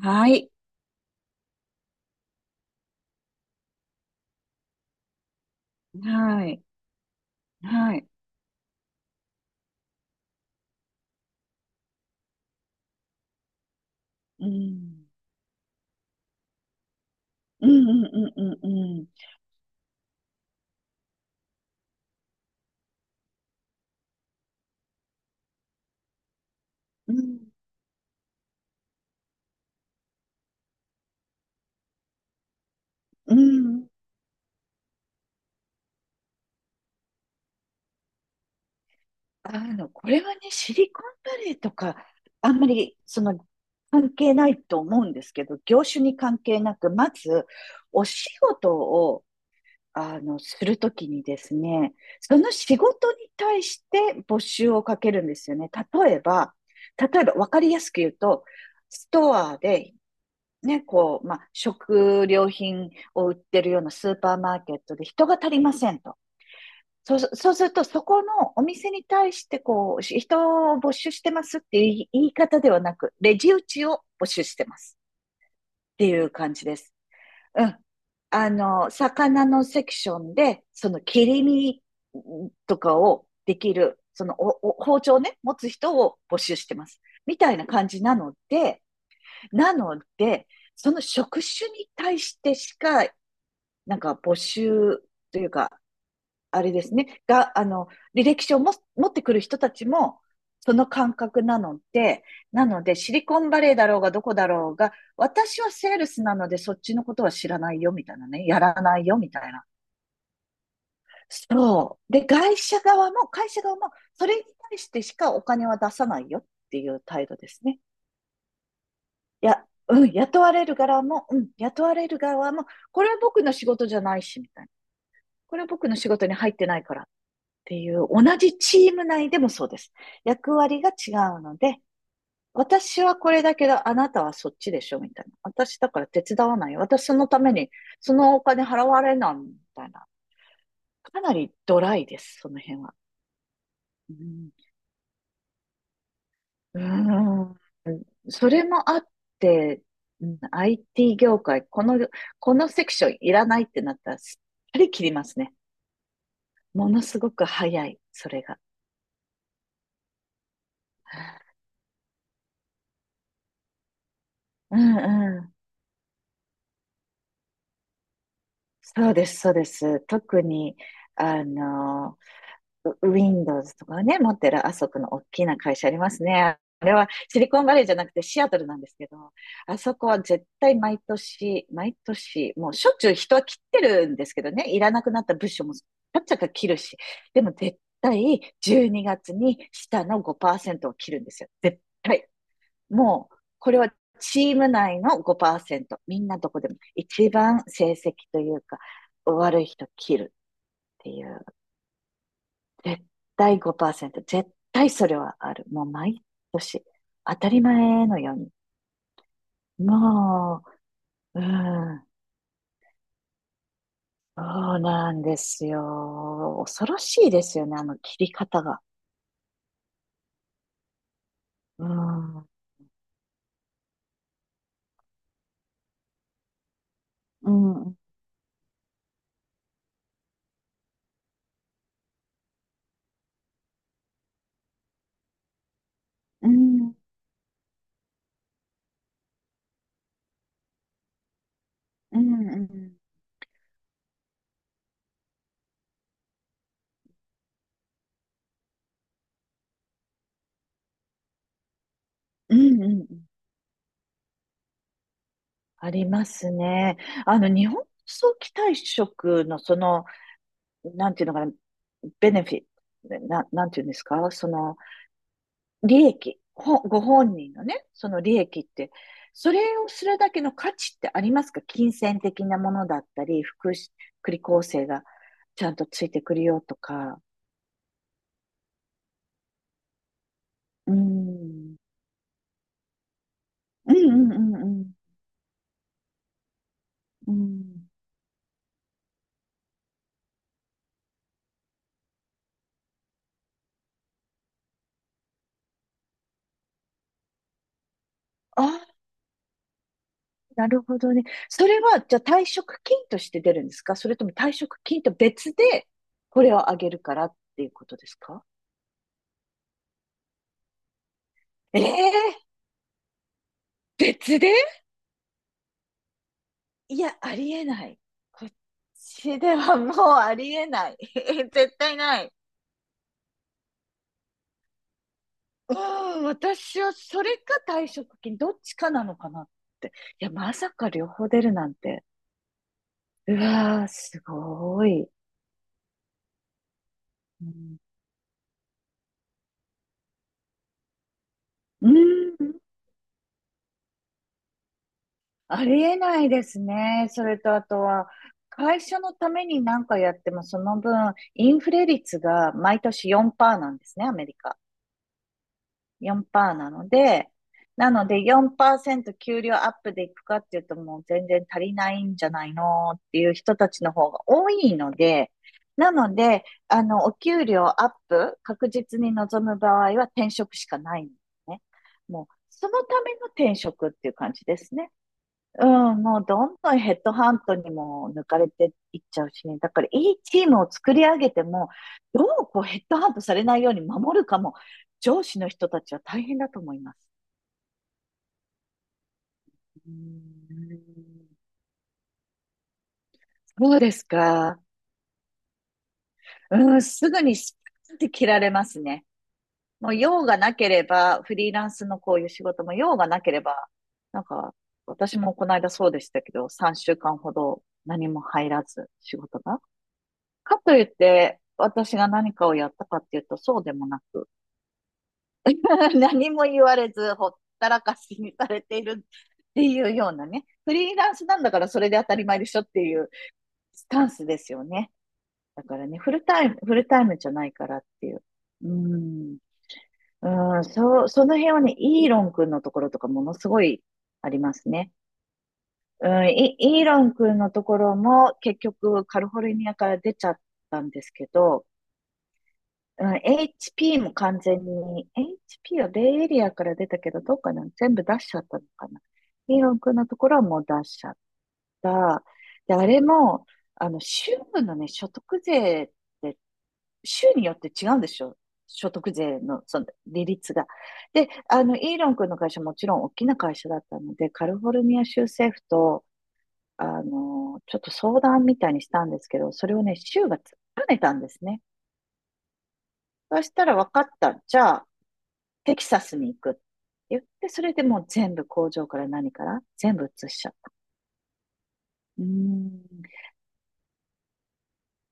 はい。はい。はい。うん。うんうんうんうんうん。うん。うん。あの、これはね、シリコンバレーとか、あんまり、関係ないと思うんですけど、業種に関係なく、まず、お仕事を、するときにですね、その仕事に対して募集をかけるんですよね。例えば、例えば、わかりやすく言うと、ストアでね、こう、まあ、食料品を売ってるようなスーパーマーケットで人が足りませんと。そうすると、そこのお店に対して、こう、人を募集してますっていう言い方ではなく、レジ打ちを募集してますっていう感じです。うん。あの、魚のセクションで、その切り身とかをできる、そのお包丁をね、持つ人を募集してます。みたいな感じなので、なので、その職種に対してしか、なんか募集というか、あれですね、あの、履歴書をも持ってくる人たちも、その感覚なので、なので、シリコンバレーだろうが、どこだろうが、私はセールスなので、そっちのことは知らないよ、みたいなね、やらないよ、みたいな。そう。で、会社側も、それに対してしかお金は出さないよっていう態度ですね。や、うん、雇われる側も、これは僕の仕事じゃないし、みたいな。これは僕の仕事に入ってないからっていう、同じチーム内でもそうです。役割が違うので、私はこれだけど、あなたはそっちでしょみたいな。私だから手伝わないよ。私そのために、そのお金払われないみたいな。かなりドライです、その辺は。うん、うーん。それもあって、うん、 IT 業界、このセクションいらないってなったら、すっぱり切りますね。ものすごく早い、それが。うんうん。そうです、そうです。特に、あの、Windows とかね、持ってるあそこの大きな会社ありますね。あれはシリコンバレーじゃなくてシアトルなんですけど、あそこは絶対毎年、毎年、もうしょっちゅう人は切ってるんですけどね、いらなくなった物資もちっちゃか切るし、でも絶対12月にがつに下の5%を切るんですよ。絶対。もう、これはチーム内の5%。みんなどこでも一番成績というか、悪い人切るっていう、絶対5%、絶対それはある。もう毎年、当たり前のように。もう、うん、そうなんですよ。恐ろしいですよね、あの切り方が。うん、うん、うん、うん、うん、うん、うん。ありますね。あの、日本早期退職のその、なんていうのかな、ベネフィット、なんていうんですか、その、利益、ご本人のね、その利益って、それをするだけの価値ってありますか？金銭的なものだったり、福祉、福利厚生がちゃんとついてくるよとか。うーん。うんうんうんうん。うん。ああ、なるほどね。それは、じゃあ退職金として出るんですか？それとも退職金と別でこれをあげるからっていうことですか？ええー、別で。いや、ありえない。こっちではもうありえない。絶対ない。うん、私はそれか退職金、どっちかなのかなって。いや、まさか両方出るなんて。うわー、すごい。うん、うん、ありえないですね。それとあとは、会社のために何かやっても、その分、インフレ率が毎年4%なんですね、アメリカ。4%なので、なので4%給料アップでいくかっていうと、もう全然足りないんじゃないのっていう人たちの方が多いので、なので、あの、お給料アップ確実に望む場合は転職しかないんですね。もう、そのための転職っていう感じですね。うん、もうどんどんヘッドハントにも抜かれていっちゃうしね。だからいいチームを作り上げても、どうこうヘッドハントされないように守るかも、上司の人たちは大変だと思います。うーん、そうですか。うん、すぐにスパッて切られますね。もう用がなければ、フリーランスのこういう仕事も用がなければ、なんか、私もこの間そうでしたけど、3週間ほど何も入らず、仕事が。かといって、私が何かをやったかっていうと、そうでもなく、何も言われず、ほったらかしにされているっていうようなね、フリーランスなんだからそれで当たり前でしょっていうスタンスですよね。だからね、フルタイム、フルタイムじゃないからっていう。うーん。うーん、その辺はね、イーロン君のところとかものすごいありますね。うん、イーロン君のところも結局カリフォルニアから出ちゃったんですけど、うん、HP も完全に、HP はベイエリアから出たけど、どうかな？全部出しちゃったのかな？イーロン君のところはもう出しちゃった。で、あれも、あの、州のね、所得税って、州によって違うんでしょ？所得税の、その、利率が。で、あの、イーロン君の会社、もちろん大きな会社だったので、カリフォルニア州政府と、あの、ちょっと相談みたいにしたんですけど、それをね、州が突っぱねたんですね。そしたら、分かった、じゃあテキサスに行くって言って、それでもう全部工場から何から全部移しちゃった。うーん。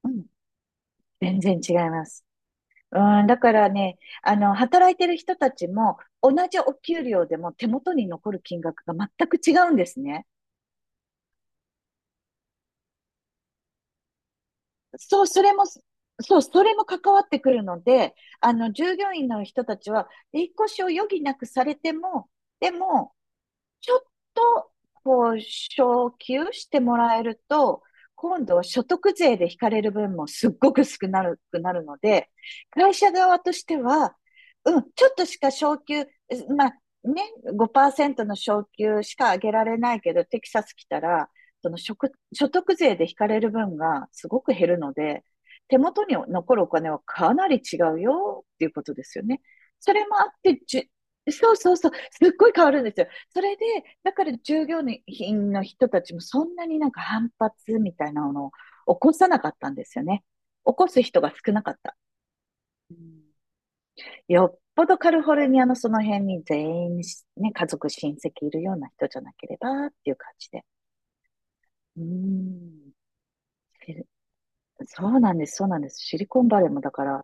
うん、全然違います。うーん、だからね、あの、働いてる人たちも、同じお給料でも手元に残る金額が全く違うんですね。そう、それも、そう、それも関わってくるので、あの、従業員の人たちは、引っ越しを余儀なくされても、でも、ちょっと、こう、昇給してもらえると、今度は所得税で引かれる分もすっごく少なくなるので、会社側としては、うん、ちょっとしか昇給、まあね、5%の昇給しか上げられないけど、テキサス来たら、その所得税で引かれる分がすごく減るので、手元に残るお金はかなり違うよっていうことですよね。それもあって、そうそうそう、すっごい変わるんですよ。それで、だから従業員の人たちもそんなになんか反発みたいなのを起こさなかったんですよね。起こす人が少なかった。うん、よっぽどカリフォルニアのその辺に全員、ね、家族、親戚いるような人じゃなければっていう感じで。うーん。そうなんです、そうなんです。シリコンバレーもだから、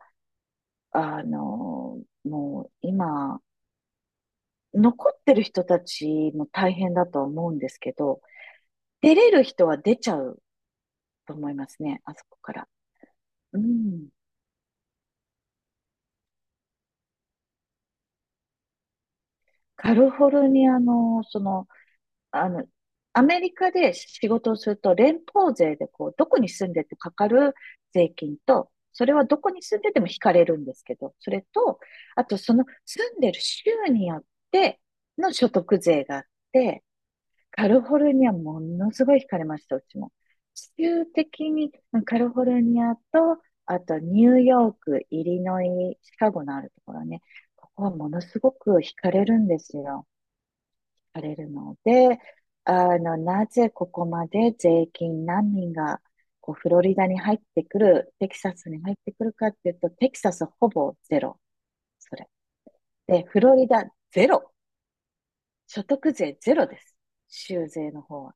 あの、もう今、残ってる人たちも大変だと思うんですけど、出れる人は出ちゃうと思いますね、あそこから。うん。カリフォルニアの、その、あの、アメリカで仕事をすると、連邦税でこう、どこに住んでてかかる税金と、それはどこに住んでても引かれるんですけど、それと、あとその住んでる州によっての所得税があって、カリフォルニアものすごい惹かれました、うちも。地球的に、うん、カリフォルニアと、あとニューヨーク、イリノイ、シカゴのあるところね、ここはものすごく惹かれるんですよ。惹かれるので、あの、なぜここまで税金難民がこうフロリダに入ってくる、テキサスに入ってくるかっていうと、テキサスほぼゼロ、それ。で、フロリダゼロ、所得税ゼロです。州税の方は。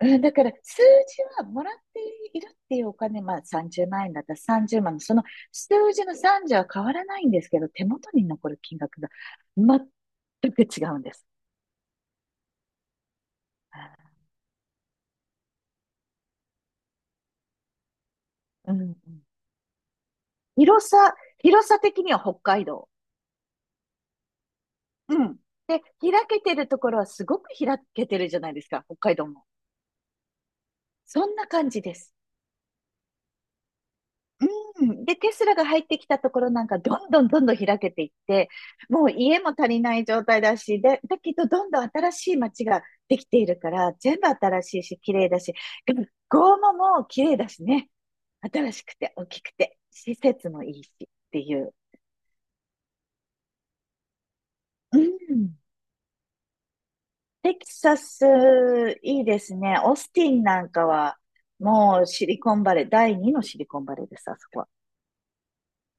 うん、だから数字はもらっているっていうお金、まあ30万円だったら30万の、その数字の30は変わらないんですけど、手元に残る金額が全く違うんです。うん、広さ、広さ的には北海道。うん。で、開けてるところはすごく開けてるじゃないですか、北海道も。そんな感じです。うん。で、テスラが入ってきたところなんか、どんどんどんどん開けていって、もう家も足りない状態だし、で、だけど、どんどん新しい街ができているから、全部新しいし、綺麗だし、学校ももう綺麗だしね。新しくて、大きくて、施設もいいし、っていう。うん。テキサス、いいですね。オースティンなんかは、もうシリコンバレー、第二のシリコンバレーです、あそこ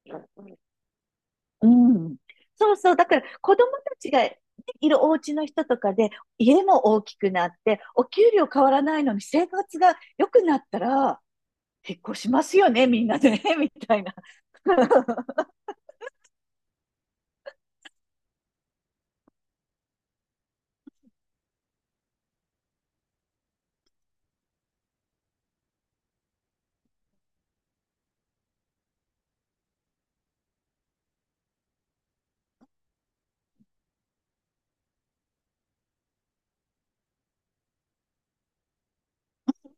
は。うん。そうそう。だから子供たちがいるお家の人とかで、家も大きくなって、お給料変わらないのに生活が良くなったら、結婚しますよね、みんなでね、みたいな。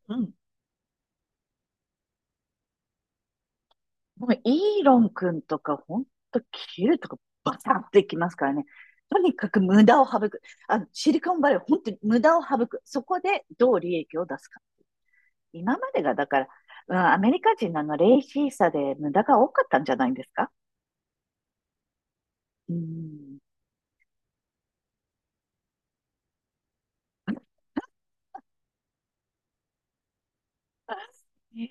うん。もうイーロン君とか、ほんと切るとかバサッといきますからね。とにかく無駄を省く。あの、シリコンバレー、本当に無駄を省く。そこでどう利益を出すか。今までがだから、うん、アメリカ人のあの、レイシーさで無駄が多かったんじゃないんですか？うん。え